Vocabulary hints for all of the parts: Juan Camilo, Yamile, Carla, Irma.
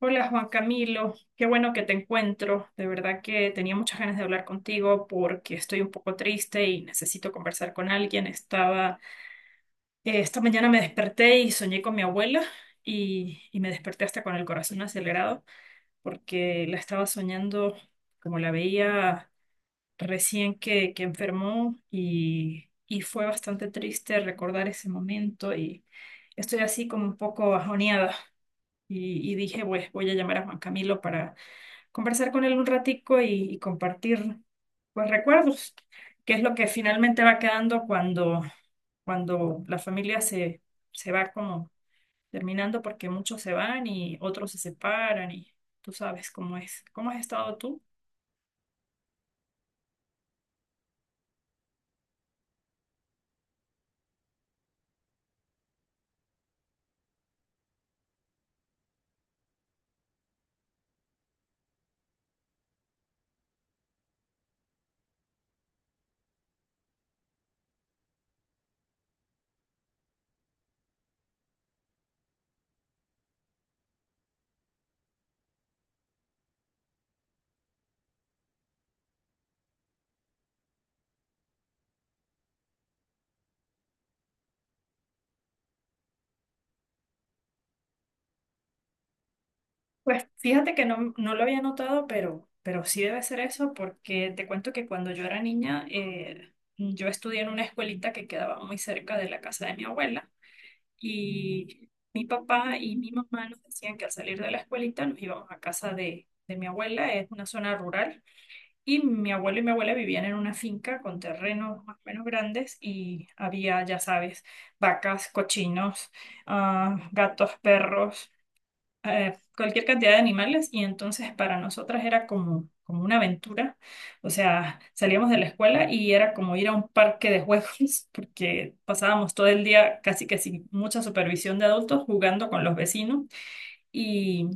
Hola Juan Camilo, qué bueno que te encuentro. De verdad que tenía muchas ganas de hablar contigo porque estoy un poco triste y necesito conversar con alguien. Esta mañana me desperté y soñé con mi abuela y me desperté hasta con el corazón acelerado porque la estaba soñando como la veía recién que enfermó y fue bastante triste recordar ese momento y estoy así como un poco bajoneada y dije, pues voy a llamar a Juan Camilo para conversar con él un ratico y compartir pues recuerdos, que es lo que finalmente va quedando cuando, cuando la familia se, se va como terminando porque muchos se van y otros se separan y tú sabes cómo es, cómo has estado tú. Pues fíjate que no, no lo había notado, pero sí debe ser eso porque te cuento que cuando yo era niña, yo estudié en una escuelita que quedaba muy cerca de la casa de mi abuela. Y mi papá y mi mamá nos decían que al salir de la escuelita nos íbamos a casa de mi abuela, es una zona rural, y mi abuelo y mi abuela vivían en una finca con terrenos más o menos grandes y había, ya sabes, vacas, cochinos, ah, gatos, perros, cualquier cantidad de animales y entonces para nosotras era como, como una aventura. O sea, salíamos de la escuela y era como ir a un parque de juegos porque pasábamos todo el día casi que sin mucha supervisión de adultos jugando con los vecinos y,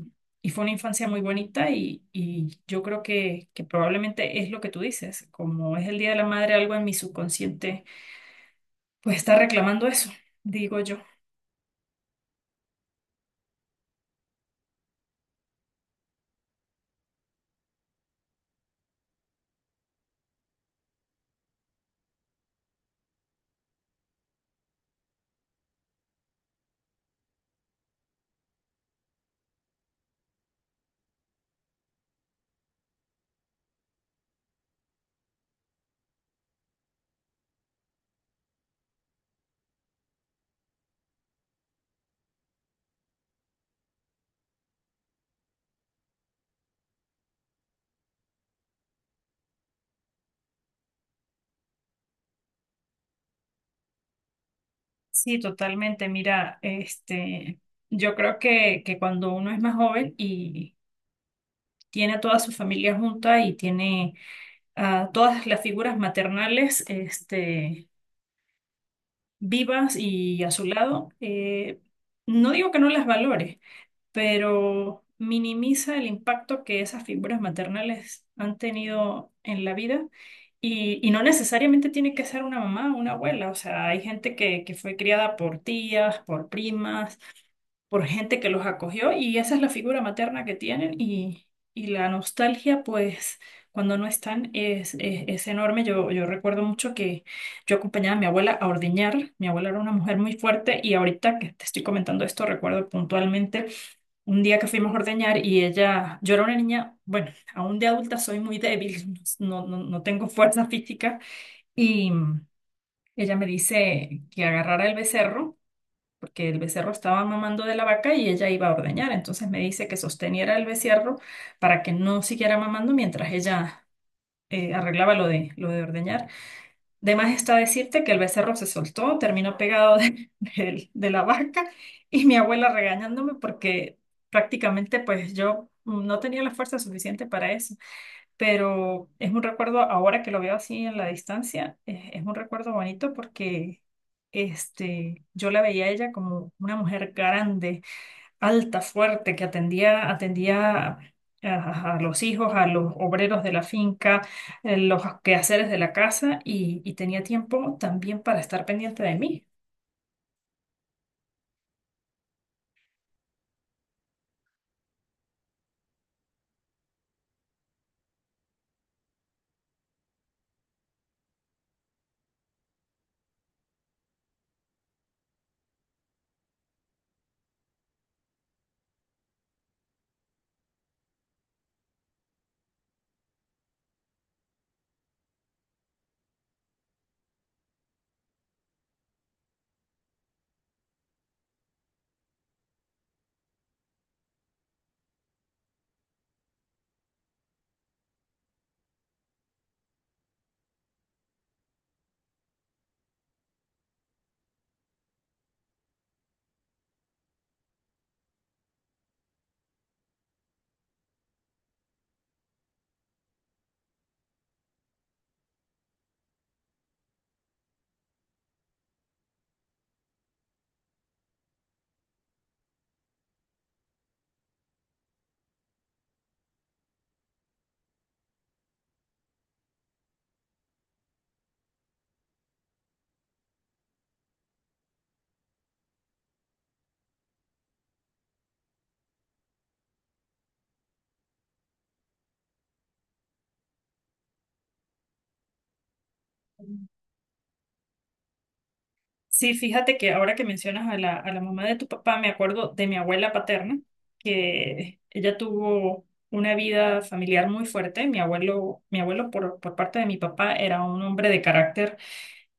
y fue una infancia muy bonita y yo creo que probablemente es lo que tú dices, como es el Día de la Madre, algo en mi subconsciente pues está reclamando eso, digo yo. Sí, totalmente. Mira, este, yo creo que cuando uno es más joven y tiene a toda su familia junta y tiene a todas las figuras maternales, este, vivas y a su lado, no digo que no las valore, pero minimiza el impacto que esas figuras maternales han tenido en la vida. Y no necesariamente tiene que ser una mamá o una abuela, o sea, hay gente que fue criada por tías, por primas, por gente que los acogió y esa es la figura materna que tienen y la nostalgia, pues cuando no están es enorme. Yo recuerdo mucho que yo acompañaba a mi abuela a ordeñar. Mi abuela era una mujer muy fuerte y ahorita que te estoy comentando esto, recuerdo puntualmente un día que fuimos a ordeñar y ella, yo era una niña, bueno, aún de adulta soy muy débil, no, no, no tengo fuerza física y... Ella me dice que agarrara el becerro porque el becerro estaba mamando de la vaca y ella iba a ordeñar. Entonces me dice que sosteniera el becerro para que no siguiera mamando mientras ella arreglaba lo de ordeñar. De más está decirte que el becerro se soltó, terminó pegado de la vaca y mi abuela regañándome porque prácticamente pues yo no tenía la fuerza suficiente para eso. Pero es un recuerdo, ahora que lo veo así en la distancia, es un recuerdo bonito porque este, yo la veía a ella como una mujer grande, alta, fuerte, que atendía a los hijos, a los obreros de la finca, los quehaceres de la casa y tenía tiempo también para estar pendiente de mí. Sí, fíjate que ahora que mencionas a la mamá de tu papá, me acuerdo de mi abuela paterna, que ella tuvo una vida familiar muy fuerte. Mi abuelo por parte de mi papá era un hombre de carácter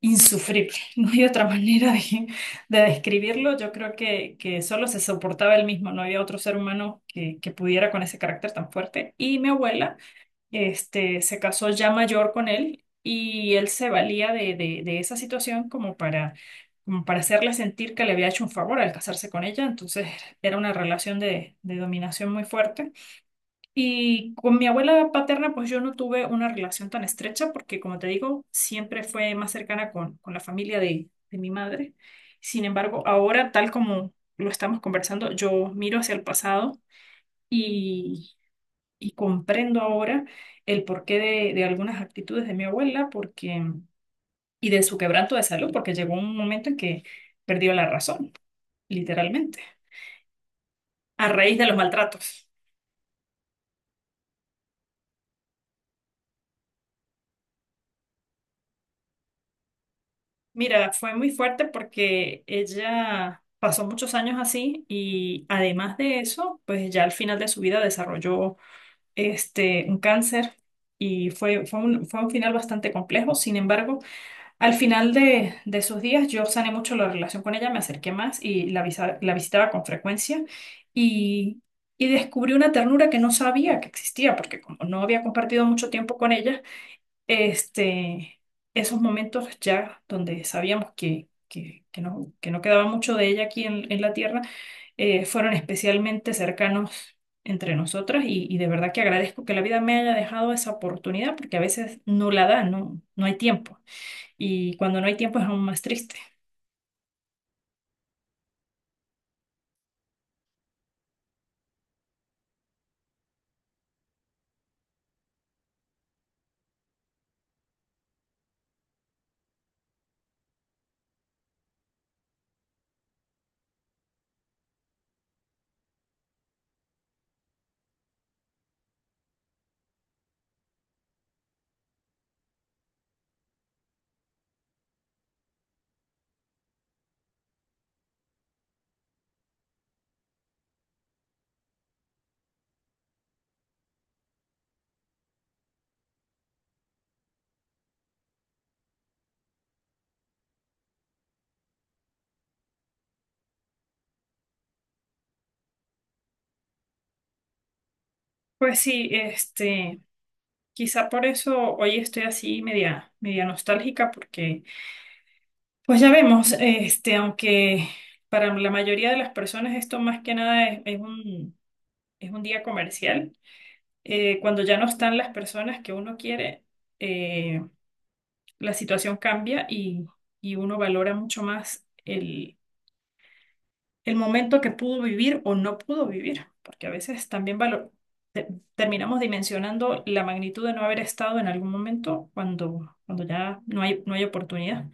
insufrible. No hay otra manera de describirlo. Yo creo que solo se soportaba él mismo, no había otro ser humano que pudiera con ese carácter tan fuerte. Y mi abuela, este, se casó ya mayor con él y él se valía de esa situación como para, como para hacerle sentir que le había hecho un favor al casarse con ella. Entonces era una relación de dominación muy fuerte. Y con mi abuela paterna, pues yo no tuve una relación tan estrecha porque, como te digo, siempre fue más cercana con la familia de mi madre. Sin embargo, ahora, tal como lo estamos conversando, yo miro hacia el pasado y, y comprendo ahora el porqué de algunas actitudes de mi abuela porque, y de su quebranto de salud, porque llegó un momento en que perdió la razón, literalmente, a raíz de los maltratos. Mira, fue muy fuerte porque ella pasó muchos años así y además de eso, pues ya al final de su vida desarrolló este un cáncer y fue, fue un final bastante complejo. Sin embargo, al final de sus días yo sané mucho la relación con ella, me acerqué más y la visitaba con frecuencia y, y descubrí una ternura que no sabía que existía porque como no había compartido mucho tiempo con ella, este, esos momentos ya donde sabíamos que no quedaba mucho de ella aquí en la tierra, fueron especialmente cercanos entre nosotras y de verdad que agradezco que la vida me haya dejado esa oportunidad porque a veces no la da, no, no hay tiempo y cuando no hay tiempo es aún más triste. Pues sí, este, quizá por eso hoy estoy así media, media nostálgica porque pues ya vemos, este, aunque para la mayoría de las personas esto más que nada es, es un día comercial, cuando ya no están las personas que uno quiere, eh, la situación cambia y uno valora mucho más el momento que pudo vivir o no pudo vivir, porque a veces también te- terminamos dimensionando la magnitud de no haber estado en algún momento cuando, cuando ya no hay, no hay oportunidad.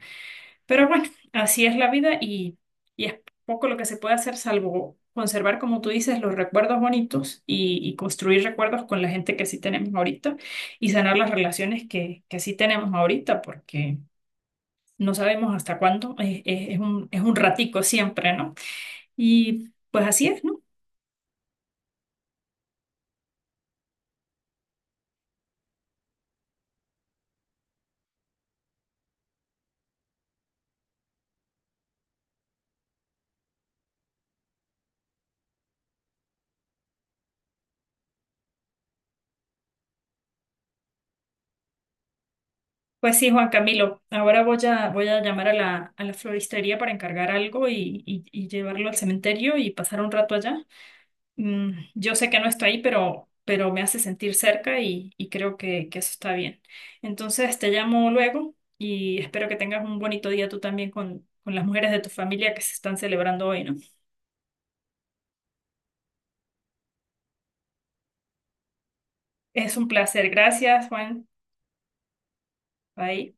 Pero bueno, así es la vida y es poco lo que se puede hacer salvo conservar, como tú dices, los recuerdos bonitos y construir recuerdos con la gente que sí tenemos ahorita y sanar las relaciones que sí tenemos ahorita porque no sabemos hasta cuándo, es un ratico siempre, ¿no? Y pues así es, ¿no? Pues sí, Juan Camilo, ahora voy a llamar a la floristería para encargar algo y llevarlo al cementerio y pasar un rato allá. Yo sé que no estoy ahí, pero me hace sentir cerca y creo que eso está bien. Entonces te llamo luego y espero que tengas un bonito día tú también con las mujeres de tu familia que se están celebrando hoy, ¿no? Es un placer. Gracias, Juan. Bye.